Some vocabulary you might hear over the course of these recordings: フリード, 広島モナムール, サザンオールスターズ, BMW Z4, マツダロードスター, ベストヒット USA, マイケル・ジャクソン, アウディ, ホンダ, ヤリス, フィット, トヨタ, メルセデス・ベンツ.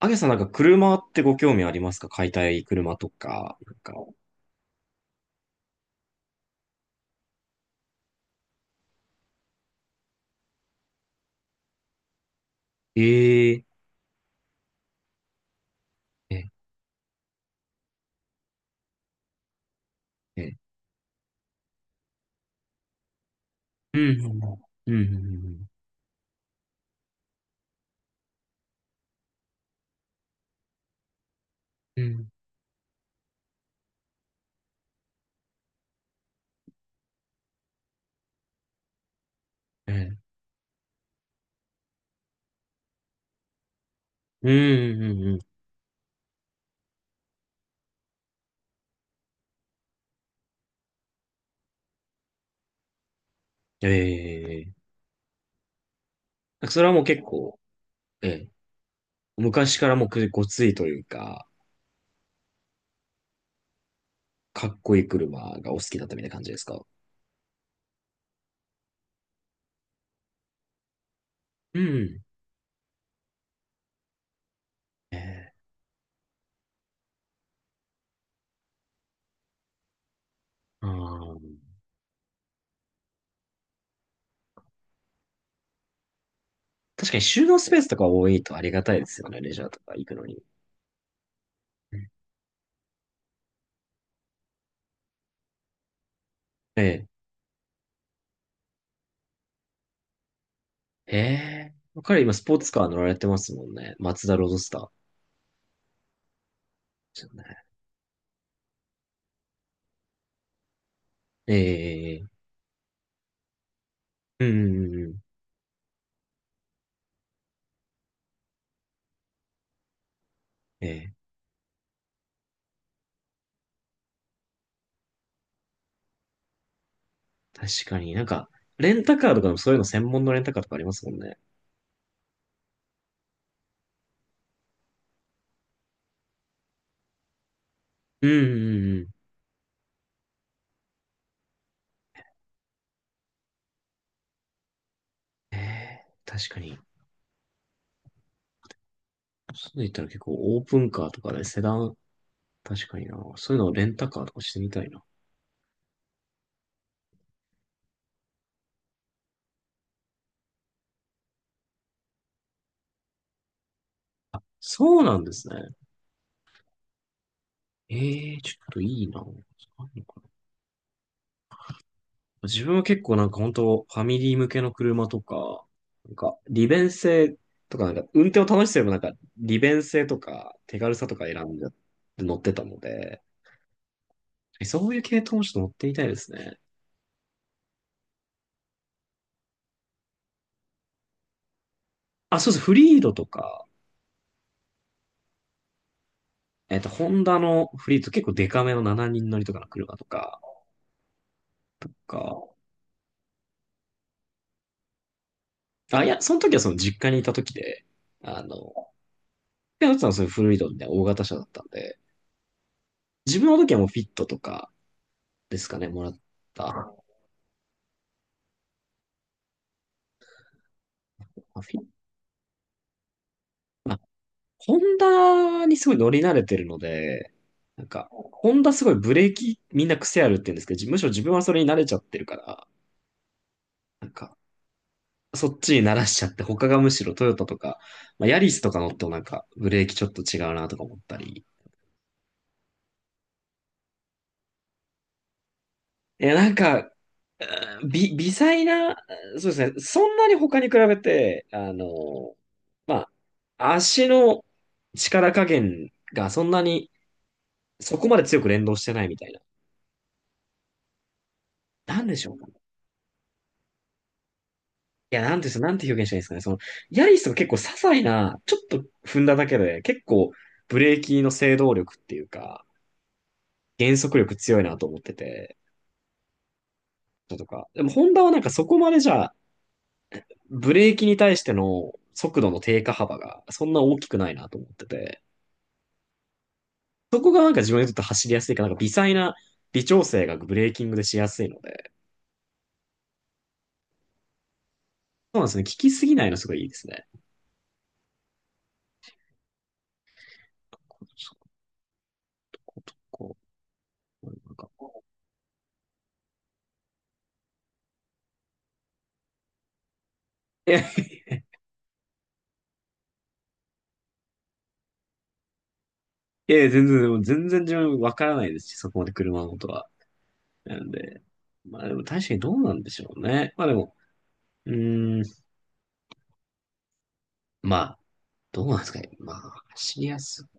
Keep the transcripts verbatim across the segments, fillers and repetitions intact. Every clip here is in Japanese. あげさん、なんか車ってご興味ありますか？買いたい車とか、なんか。ええ。え、え、ええ。うん、うん、うん、うん、うん、うん、うん、うん。うん。ええ。なんかそれはもう結構、ええ、昔からもうくごついというか、かっこいい車がお好きだったみたいな感じですか？うん。ええ、あー、確かに収納スペースとか多いとありがたいですよね、レジャーとか行くのに。うん。ええ、ええ。彼今スポーツカー乗られてますもんね。マツダロードスター。ええ。うん、うん、うん、うん。ええ、確かに、なんか、レンタカーとかでもそういうの専門のレンタカーとかありますもんね。うん、うん、うん。ええ、確かに。そういったら結構オープンカーとかねセダン、確かにな。そういうのをレンタカーとかしてみたいな。そうなんですね。ええ、ちょっといいな。あるのかな。自分は結構なんか本当ファミリー向けの車とか、なんか利便性とか、なんか運転を楽しけば、なんか利便性とか手軽さとか選んで乗ってたので、そういう系統もちょっと持ってみたいですね。あ、そうです。フリードとか、えっと、ホンダのフリード結構デカめのしちにん乗りとかの車とか、とか、あ、いや、その時はその実家にいた時で、あの、ペアさんはそういうフリードみたいな大型車だったんで、自分の時はもうフィットとかですかね、もらった。あフィホンダにすごい乗り慣れてるので、なんか、ホンダすごいブレーキみんな癖あるって言うんですけど、じむしろ自分はそれに慣れちゃってるから、なんか、そっちに慣らしちゃって、他がむしろトヨタとか、まあ、ヤリスとか乗ってもなんかブレーキちょっと違うなとか思ったり。いや、なんか、うん、び微細な、そうですね、そんなに他に比べて、あの、まあ、足の力加減がそんなに、そこまで強く連動してないみたいな。なんでしょうかね。いや、なんですなんて表現したらいいですかね。その、ヤリスとか結構些細な、ちょっと踏んだだけで、結構ブレーキの制動力っていうか、減速力強いなと思ってて。とか。でも、ホンダはなんかそこまでじゃあ、ブレーキに対しての速度の低下幅がそんな大きくないなと思ってて、そこがなんか自分にとって走りやすいか、なんか微細な微調整がブレーキングでしやすいので、そうなんですね。聞きすぎないのすごいいいですね。いや、いや、全然、全然自分わからないですし、そこまで車のことは。なんで、まあでも確かにどうなんでしょうね。まあでも、うーん、まあ、どうなんですかね。まあ、走りやすく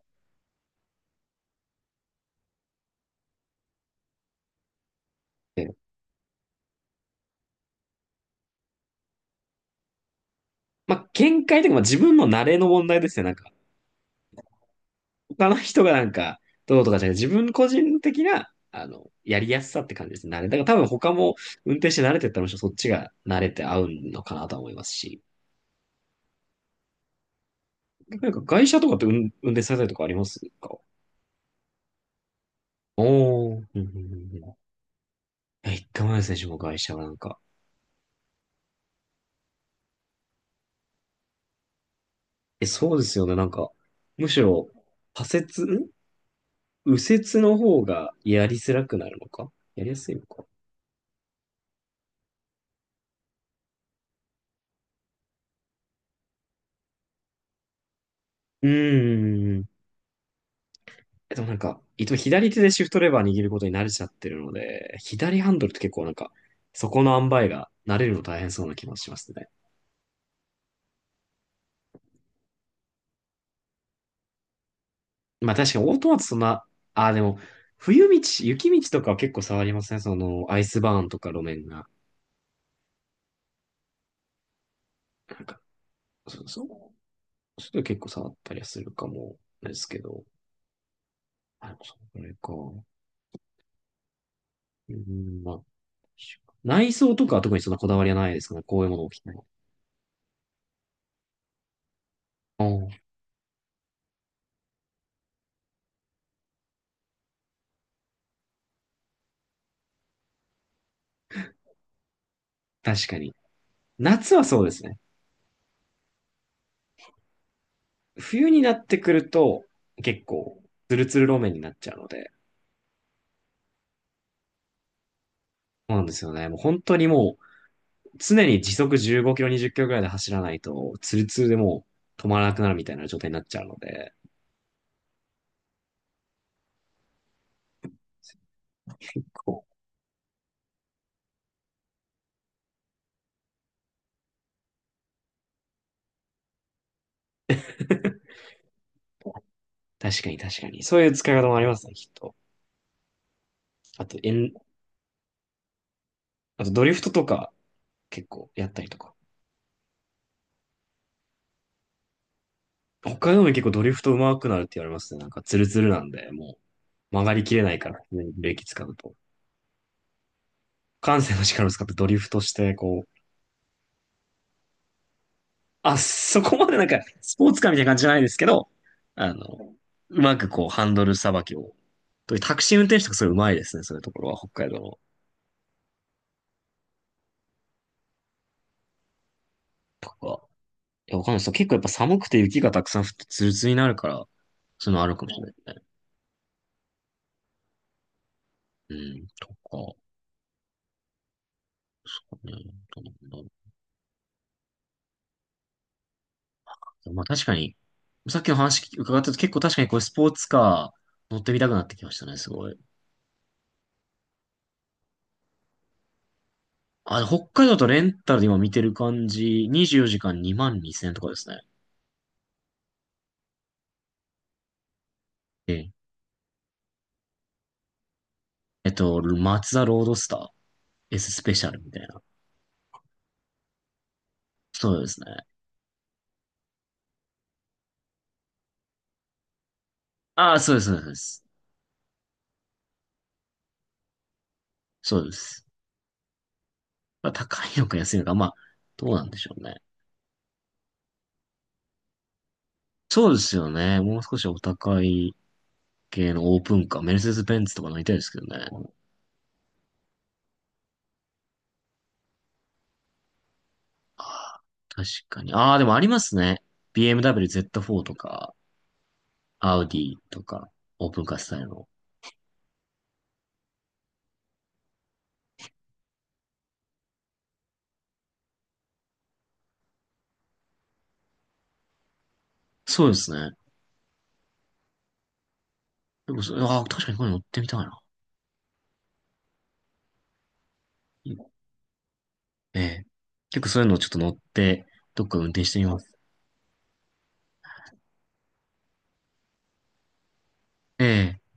て、まあ、見解というか、まあ、自分の慣れの問題ですね。なんか、他の人がなんか、どうとかじゃなくて、自分個人的な、あの、やりやすさって感じですね。慣れ。だから多分他も運転して慣れてったら、むしろそっちが慣れて合うのかなとは思いますし。なんか、外車とかって運運転されたりとかありますか？おー。うん、うん、うん、うん。え、一回もないですね、自分も外車はなんか。え、そうですよね、なんか、むしろ、左折、ん右折の方がやりづらくなるのかやりやすいのか。うーん。え、でもなんか、いつも左手でシフトレバー握ることに慣れちゃってるので、左ハンドルって結構なんか、そこの塩梅が慣れるの大変そうな気もしますね。まあ確かにオートマトそんな、ああでも、冬道、雪道とかは結構触りますね。その、アイスバーンとか路面が。なんか、そうそう。それ結構触ったりはするかもですけど。あ、でもそれか。うん、まあ、内装とかは特にそんなこだわりはないですかね。こういうものを着ても。うん、確かに。夏はそうですね。冬になってくると、結構、ツルツル路面になっちゃうので、そうなんですよね。もう本当にもう、常に時速じゅうごキロ、にじゅっキロぐらいで走らないと、ツルツルでもう止まらなくなるみたいな状態になっちゃうので、結構、確かに確かに。そういう使い方もありますね、きっと。あと、エン、あとドリフトとか、結構やったりとか。北海道も結構ドリフト上手くなるって言われますね。なんかツルツルなんで、もう曲がりきれないから、ブレーキ使うと。感性の力を使ってドリフトして、こう、あ、そこまでなんか、スポーツカーみたいな感じじゃないですけど、あの、うまくこう、ハンドルさばきを。とタクシー運転手とかすごいうまいですね、そういうところは、北海道の。とか。いや、わかんないです。結構やっぱ寒くて雪がたくさん降ってツルツルになるから、そういうのあるかもしれないですね。うん、とか。うん、まあ確かに、さっきの話伺ったと結構確かにこれスポーツカー乗ってみたくなってきましたね、すごい。あ、北海道とレンタルで今見てる感じ、にじゅうよじかんにまんにせんえんとかですね。ええ。えっと、マツダロードスター S スペシャルみたいな。そうですね。ああ、そうです、そうです。そうです。そうです。まあ、高いのか安いのか、まあ、どうなんでしょうね。そうですよね。もう少しお高い系のオープンカー、メルセデス・ベンツとか乗りたいですけどね。ああ、確かに。ああ、でもありますね。ビーエムダブリュー ゼットフォー とか、アウディとか、オープンカースタイルの。そうですね。でもそれ、ああ、確かにこれ乗ってみたいな。ええ。結構そういうのをちょっと乗って、どっか運転してみます。ええ。